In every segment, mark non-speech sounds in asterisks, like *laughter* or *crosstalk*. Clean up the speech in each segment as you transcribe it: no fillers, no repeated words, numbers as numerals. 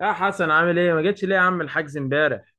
يا حسن، عامل ايه؟ ما جيتش ليه يا عم الحجز امبارح؟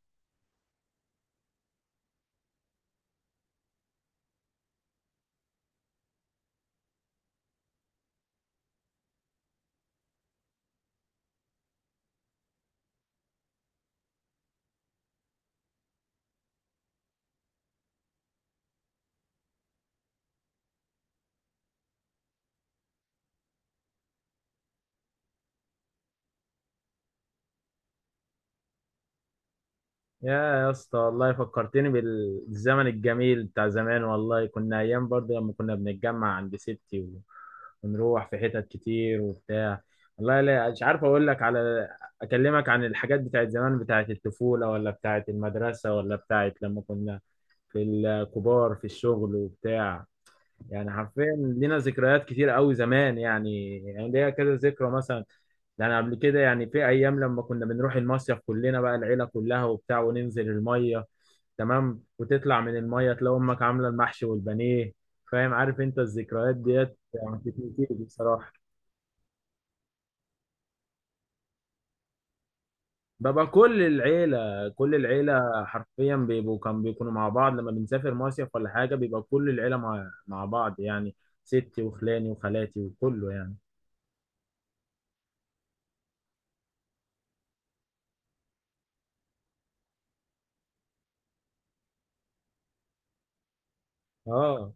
يا اسطى، والله فكرتني بالزمن الجميل بتاع زمان. والله كنا ايام، برضه لما كنا بنتجمع عند ستي ونروح في حتت كتير وبتاع. والله لا، مش عارف اقول لك على، اكلمك عن الحاجات بتاعت زمان، بتاعت الطفولة، ولا بتاعت المدرسة، ولا بتاعت لما كنا في الكبار في الشغل وبتاع. يعني حرفيا لينا ذكريات كتير قوي زمان، يعني ليا كذا ذكرى مثلا. يعني قبل كده، يعني في ايام لما كنا بنروح المصيف كلنا بقى، العيله كلها وبتاع، وننزل الميه. تمام، وتطلع من الميه تلاقي امك عامله المحشي والبانيه. فاهم؟ عارف انت الذكريات ديت يعني كتير بصراحه. ببقى كل العيله، كل العيله حرفيا بيبقوا، كان بيكونوا مع بعض لما بنسافر مصيف ولا حاجه. بيبقى كل العيله مع بعض يعني، ستي وخلاني وخالاتي وكله يعني. اه،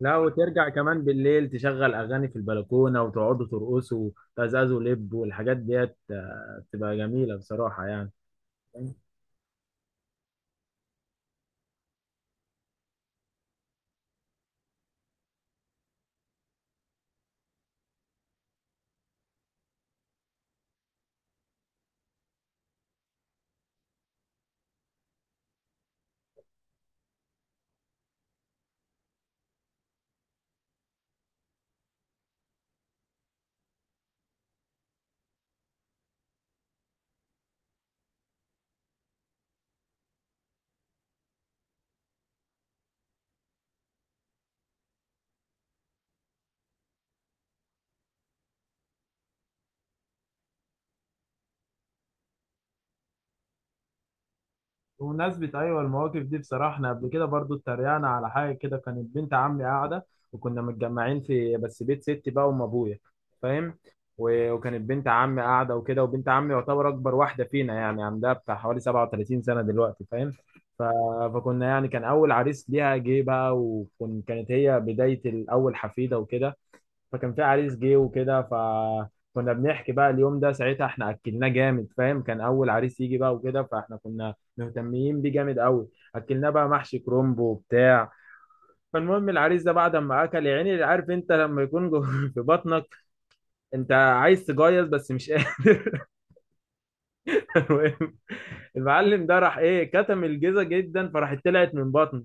لا وترجع كمان بالليل تشغل اغاني في البلكونه وتقعدوا ترقصوا وتزازوا لب والحاجات ديت. بتبقى جميله بصراحه يعني. بمناسبة أيوة المواقف دي بصراحة، إحنا قبل كده برضو اتريقنا على حاجة كده. كانت بنت عمي قاعدة، وكنا متجمعين في بس بيت ستي بقى، وأم أبويا، فاهم؟ وكانت بنت عمي قاعدة وكده، وبنت عمي يعتبر أكبر واحدة فينا، يعني عندها بتاع حوالي 37 سنة دلوقتي، فاهم؟ ف... فكنا يعني كان أول عريس ليها جه بقى، وكانت هي بداية الأول حفيدة وكده. فكان في عريس جه وكده، فكنا بنحكي بقى اليوم ده ساعتها احنا اكلناه جامد، فاهم؟ كان اول عريس يجي بقى وكده، فاحنا كنا مهتمين بيه جامد قوي. اكلناه بقى محشي كرنب وبتاع. فالمهم العريس ده بعد ما اكل، يا عيني عارف انت لما يكون *laughs* في بطنك، انت عايز تجيز بس مش قادر. *laughs* المهم، المعلم ده راح ايه كتم الجيزه جدا، فراحت طلعت من بطنه.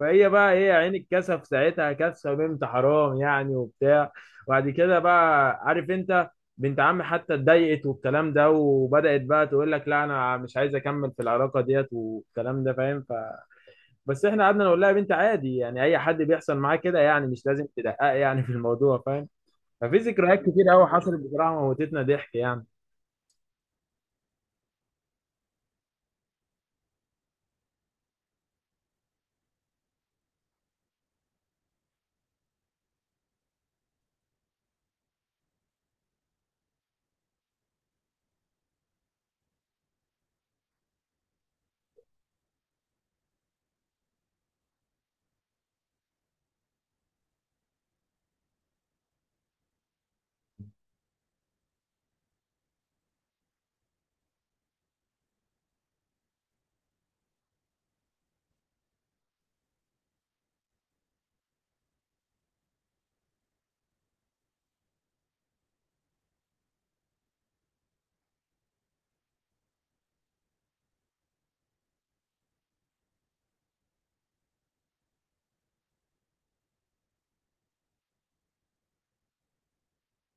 فهي بقى ايه يا عيني الكسف ساعتها، كسفه بنت حرام يعني وبتاع. وبعد كده بقى عارف انت، بنت عمي حتى اتضايقت والكلام ده، وبدأت بقى تقول لك لا انا مش عايز اكمل في العلاقه ديت والكلام ده، فاهم؟ بس احنا قعدنا نقول لها يا بنت عادي، يعني اي حد بيحصل معاه كده يعني، مش لازم تدقق يعني في الموضوع، فاهم؟ ففي ذكريات كتير قوي حصلت بصراحه، موتتنا ضحك يعني.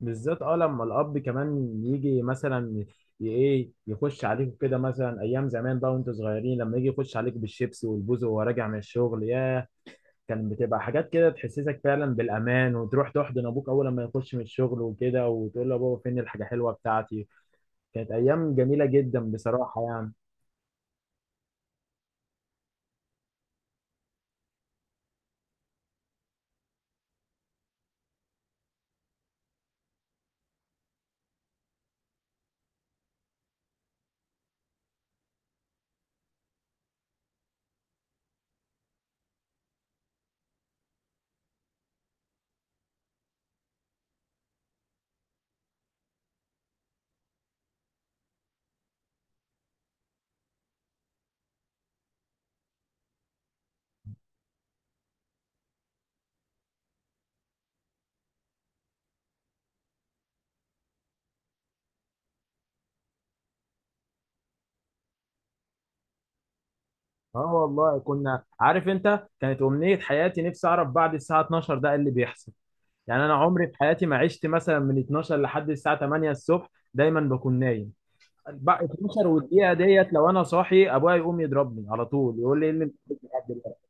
بالذات اه لما الاب كمان يجي مثلا ايه يخش عليكم كده، مثلا ايام زمان بقى وانتوا صغيرين، لما يجي يخش عليك بالشيبسي والبوز وهو راجع من الشغل، ياه كان بتبقى حاجات كده تحسسك فعلا بالامان، وتروح تحضن ابوك اول لما يخش من الشغل وكده، وتقول له يا بابا فين الحاجه حلوه بتاعتي. كانت ايام جميله جدا بصراحه يعني. اه والله، كنا عارف انت كانت امنيه حياتي نفسي اعرف بعد الساعه 12 ده إيه اللي بيحصل. يعني انا عمري في حياتي ما عشت مثلا من 12 لحد الساعه 8 الصبح، دايما بكون نايم. بقى 12 والدقيقه ديت لو انا صاحي ابويا يقوم يضربني على طول، يقول لي ايه اللي انت بتعمله لحد دلوقتي.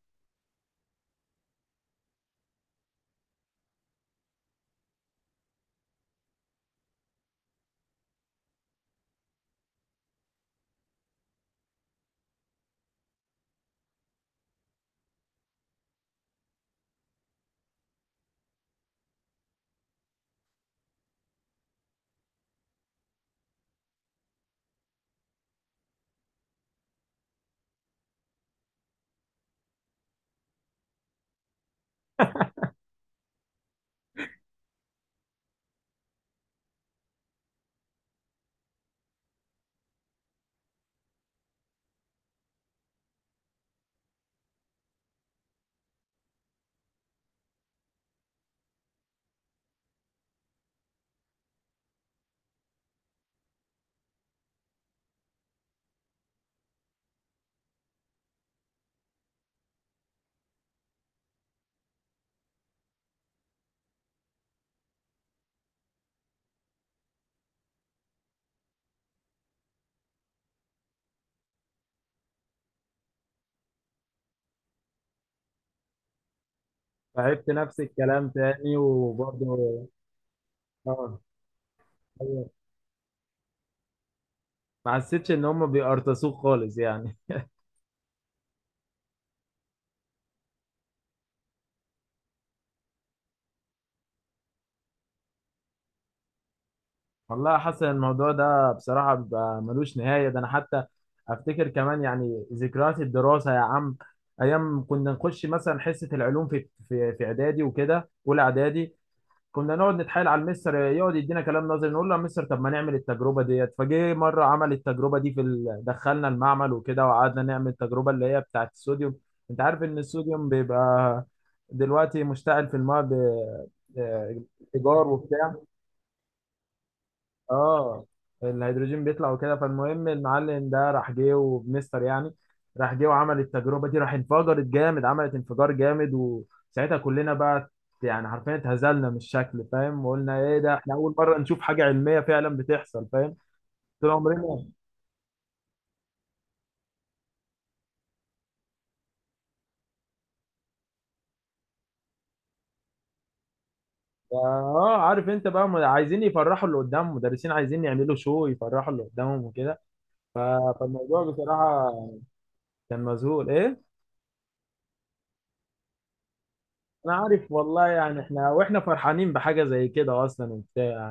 فعبت نفس الكلام تاني وبرضه اه. أيوة. ما حسيتش ان هم بيقرطسوك خالص يعني. والله حاسس ان الموضوع ده بصراحه بيبقى ملوش نهايه، ده انا حتى افتكر كمان يعني ذكريات الدراسه يا عم. ايام كنا نخش مثلا حصه العلوم في اعدادي وكده، اولى اعدادي. كنا نقعد نتحايل على المستر يقعد يدينا كلام نظري، نقول له يا مستر طب ما نعمل التجربه ديت. فجه مره عمل التجربه دي دخلنا المعمل وكده وقعدنا نعمل التجربه اللي هي بتاعت الصوديوم. انت عارف ان الصوديوم بيبقى دلوقتي مشتعل في الماء آه، ايجار وبتاع. اه، الهيدروجين بيطلع وكده. فالمهم المعلم ده راح جه وبنستر يعني. راح جه وعمل التجربه دي، راح انفجرت جامد، عملت انفجار جامد، وساعتها كلنا بقى يعني حرفيا اتهزلنا من الشكل، فاهم؟ وقلنا ايه ده، احنا اول مره نشوف حاجه علميه فعلا بتحصل، فاهم؟ طول عمرنا اه عارف انت بقى عايزين يفرحوا اللي قدامهم، مدرسين عايزين يعملوا شو يفرحوا اللي قدامهم وكده. فالموضوع بصراحه كان مذهول ايه. انا عارف والله، يعني احنا واحنا فرحانين بحاجه زي كده اصلا وبتاع.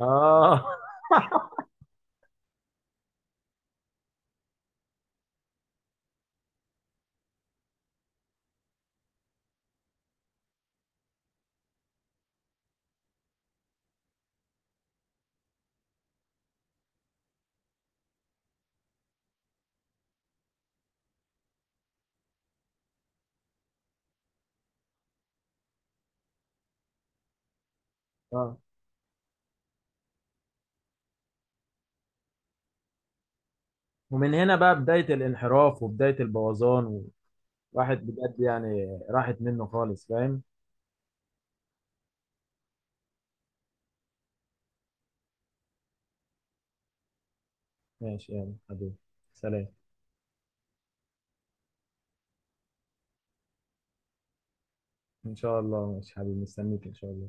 اه *laughs* اه. ومن هنا بقى بداية الانحراف وبداية البوظان، وواحد بجد يعني راحت منه خالص، فاهم؟ ماشي يلا حبيبي، سلام. ان شاء الله، ماشي حبيبي، مستنيك ان شاء الله.